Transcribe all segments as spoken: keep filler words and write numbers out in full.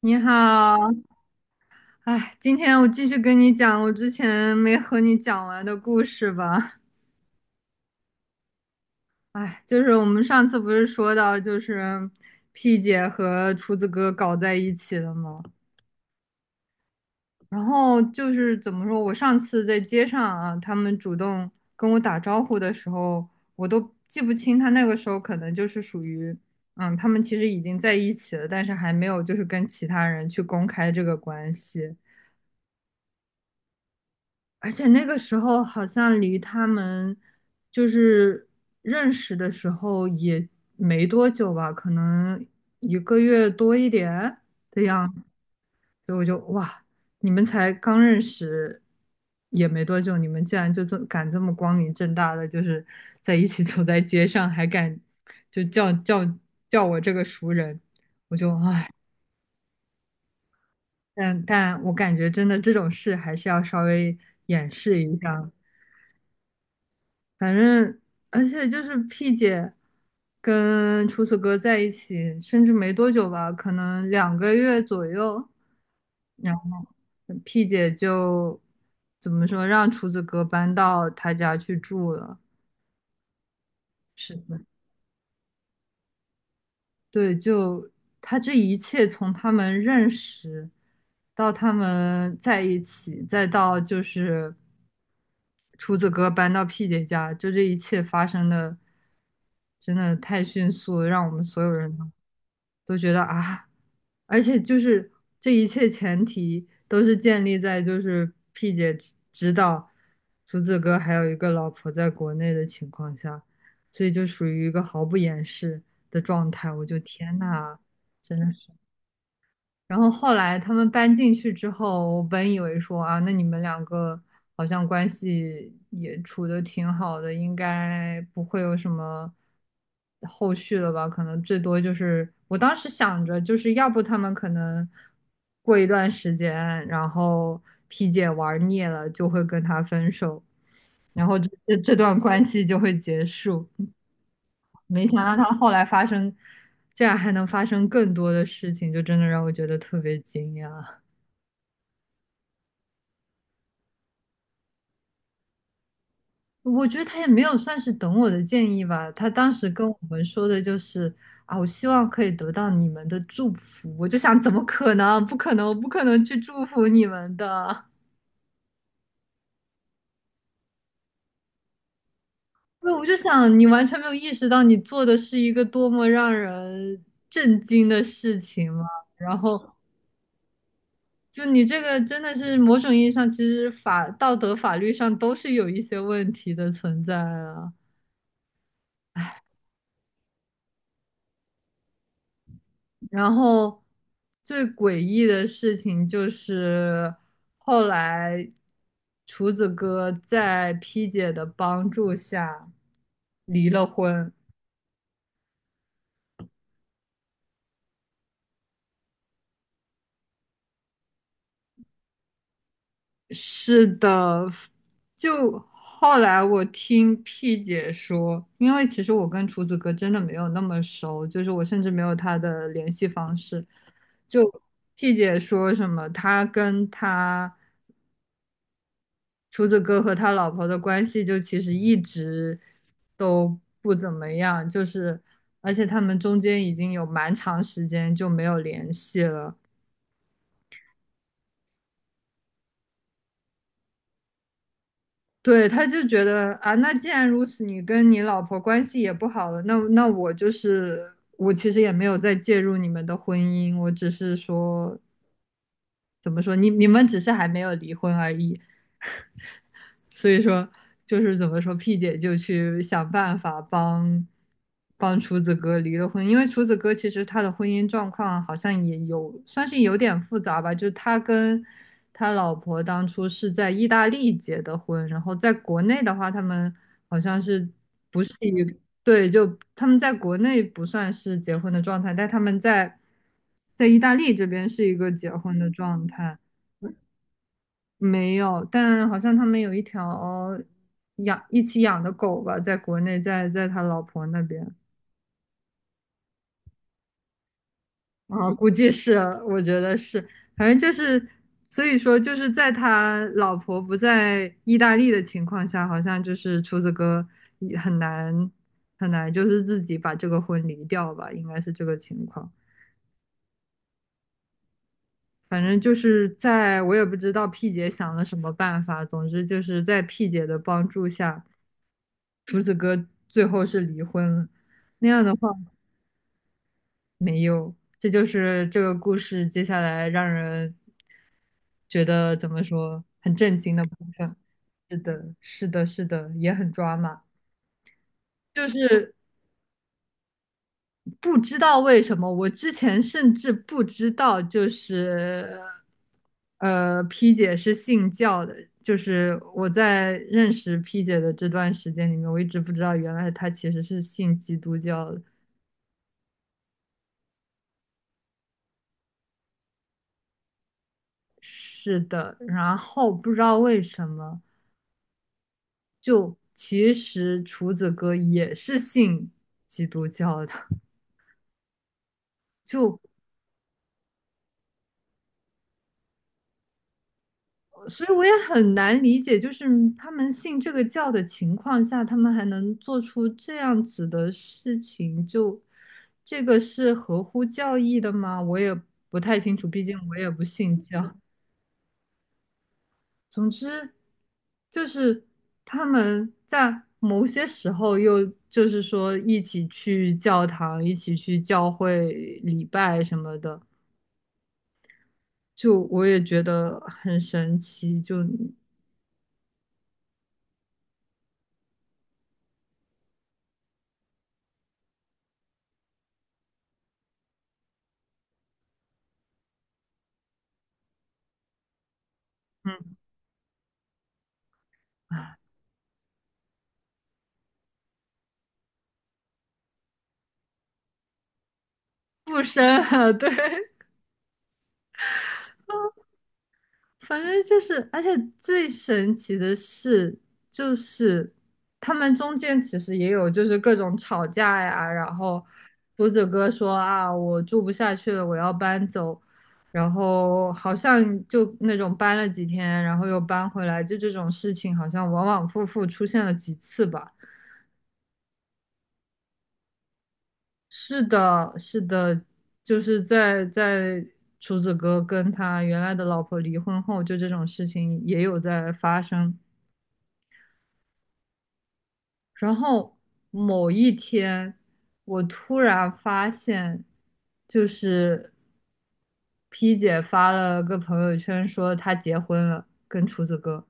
你好，哎，今天我继续跟你讲我之前没和你讲完的故事吧。哎，就是我们上次不是说到，就是 P 姐和厨子哥搞在一起了吗？然后就是怎么说，我上次在街上啊，他们主动跟我打招呼的时候，我都记不清他那个时候可能就是属于，嗯，他们其实已经在一起了，但是还没有就是跟其他人去公开这个关系。而且那个时候好像离他们就是认识的时候也没多久吧，可能一个月多一点的样子，所以我就哇，你们才刚认识也没多久，你们竟然就这敢这么光明正大的就是在一起走在街上，还敢就叫叫叫我这个熟人，我就唉，但但我感觉真的这种事还是要稍微掩饰一下。反正而且就是 P 姐跟厨子哥在一起，甚至没多久吧，可能两个月左右，然后 P 姐就怎么说，让厨子哥搬到他家去住了。是的，对，就他这一切从他们认识到他们在一起，再到就是。厨子哥搬到 P 姐家，就这一切发生的真的太迅速了让我们所有人都都觉得啊，而且就是这一切前提都是建立在就是 P 姐知知道厨子哥还有一个老婆在国内的情况下，所以就属于一个毫不掩饰的状态。我就天呐，真的是。然后后来他们搬进去之后，我本以为说啊，那你们两个好像关系也处得挺好的，应该不会有什么后续了吧？可能最多就是我当时想着，就是要不他们可能过一段时间，然后皮姐玩腻了，就会跟他分手，然后这这这段关系就会结束。没想到他后来发生，竟然还能发生更多的事情，就真的让我觉得特别惊讶。我觉得他也没有算是等我的建议吧，他当时跟我们说的就是啊，我希望可以得到你们的祝福。我就想，怎么可能？不可能，我不可能去祝福你们的。对，我就想，你完全没有意识到你做的是一个多么让人震惊的事情嘛。然后，就你这个真的是某种意义上，其实法道德法律上都是有一些问题的存在啊。然后最诡异的事情就是后来厨子哥在 P 姐的帮助下离了婚。是的，就后来我听 P 姐说，因为其实我跟厨子哥真的没有那么熟，就是我甚至没有他的联系方式。就 P 姐说什么，他跟他。厨子哥和他老婆的关系就其实一直都不怎么样，就是而且他们中间已经有蛮长时间就没有联系了。对，他就觉得啊，那既然如此，你跟你老婆关系也不好了，那那我就是我其实也没有再介入你们的婚姻，我只是说怎么说，你你们只是还没有离婚而已。所以说就是怎么说，P 姐就去想办法帮帮厨子哥离了婚，因为厨子哥其实他的婚姻状况好像也有算是有点复杂吧，就是他跟他老婆当初是在意大利结的婚，然后在国内的话，他们好像是不是一对，就他们在国内不算是结婚的状态，但他们在在意大利这边是一个结婚的状态。没有，但好像他们有一条养一起养的狗吧，在国内，在在他老婆那边啊，估计是，我觉得是，反正就是，所以说就是在他老婆不在意大利的情况下，好像就是厨子哥也很难很难，就是自己把这个婚离掉吧，应该是这个情况。反正就是在我也不知道 P 姐想了什么办法，总之就是在 P 姐的帮助下。胡子哥最后是离婚了，那样的话没有，这就是这个故事接下来让人觉得怎么说很震惊的部分。是的，是的，是的，也很抓马。就是不知道为什么，我之前甚至不知道，就是呃，P 姐是信教的。就是我在认识 P 姐的这段时间里面，我一直不知道原来她其实是信基督教的。是的，然后不知道为什么，就其实厨子哥也是信基督教的，就所以我也很难理解，就是他们信这个教的情况下，他们还能做出这样子的事情，就这个是合乎教义的吗？我也不太清楚，毕竟我也不信教。总之，就是他们在某些时候又就是说一起去教堂，一起去教会礼拜什么的，就我也觉得很神奇，就嗯，附身了，对，反正就是，而且最神奇的是，就是他们中间其实也有就是各种吵架呀，然后胡子哥说啊，我住不下去了，我要搬走，然后好像就那种搬了几天，然后又搬回来，就这种事情好像往往复复出现了几次吧。是的，是的，就是在在厨子哥跟他原来的老婆离婚后，就这种事情也有在发生。然后某一天，我突然发现，就是 P 姐发了个朋友圈说她结婚了，跟厨子哥。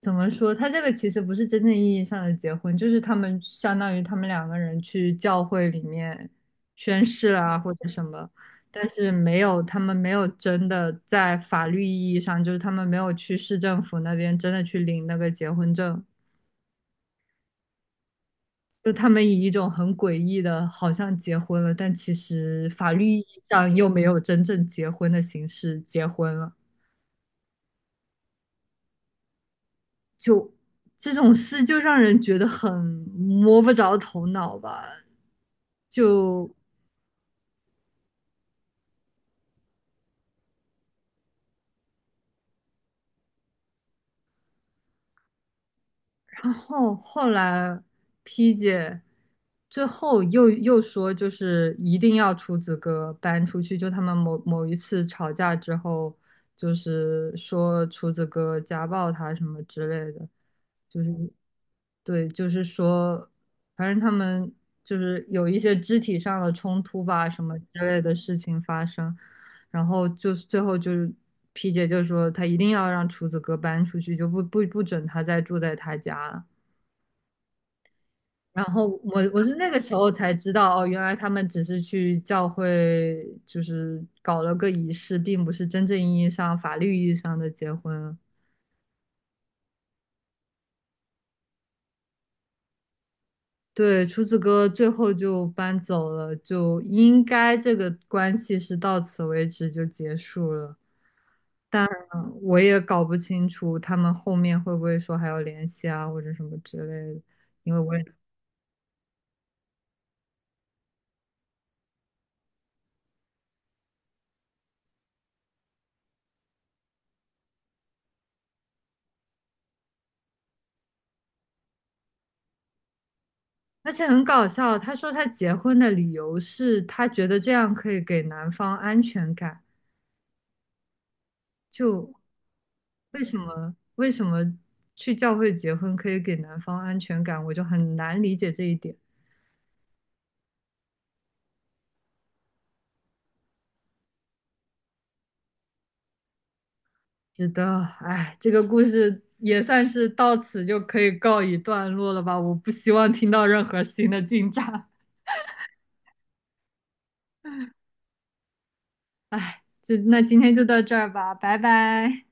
怎么说？他这个其实不是真正意义上的结婚，就是他们相当于他们两个人去教会里面宣誓啊，或者什么，但是没有，他们没有真的在法律意义上，就是他们没有去市政府那边真的去领那个结婚证。就他们以一种很诡异的，好像结婚了，但其实法律意义上又没有真正结婚的形式结婚了，就这种事就让人觉得很摸不着头脑吧。就然后后来 P 姐最后又又说，就是一定要厨子哥搬出去。就他们某某一次吵架之后，就是说厨子哥家暴她什么之类的。就是对，就是说，反正他们就是有一些肢体上的冲突吧，什么之类的事情发生，然后就是最后就是皮姐就说她一定要让厨子哥搬出去，就不不不准他再住在他家了。然后我我是那个时候才知道，哦，原来他们只是去教会，就是搞了个仪式，并不是真正意义上法律意义上的结婚。对，厨子哥最后就搬走了，就应该这个关系是到此为止就结束了。但我也搞不清楚他们后面会不会说还要联系啊，或者什么之类的，因为我也，而且很搞笑，他说他结婚的理由是他觉得这样可以给男方安全感，就为什么为什么去教会结婚可以给男方安全感，我就很难理解这一点。知道，哎，这个故事也算是到此就可以告一段落了吧？我不希望听到任何新的进展。就那今天就到这儿吧，拜拜。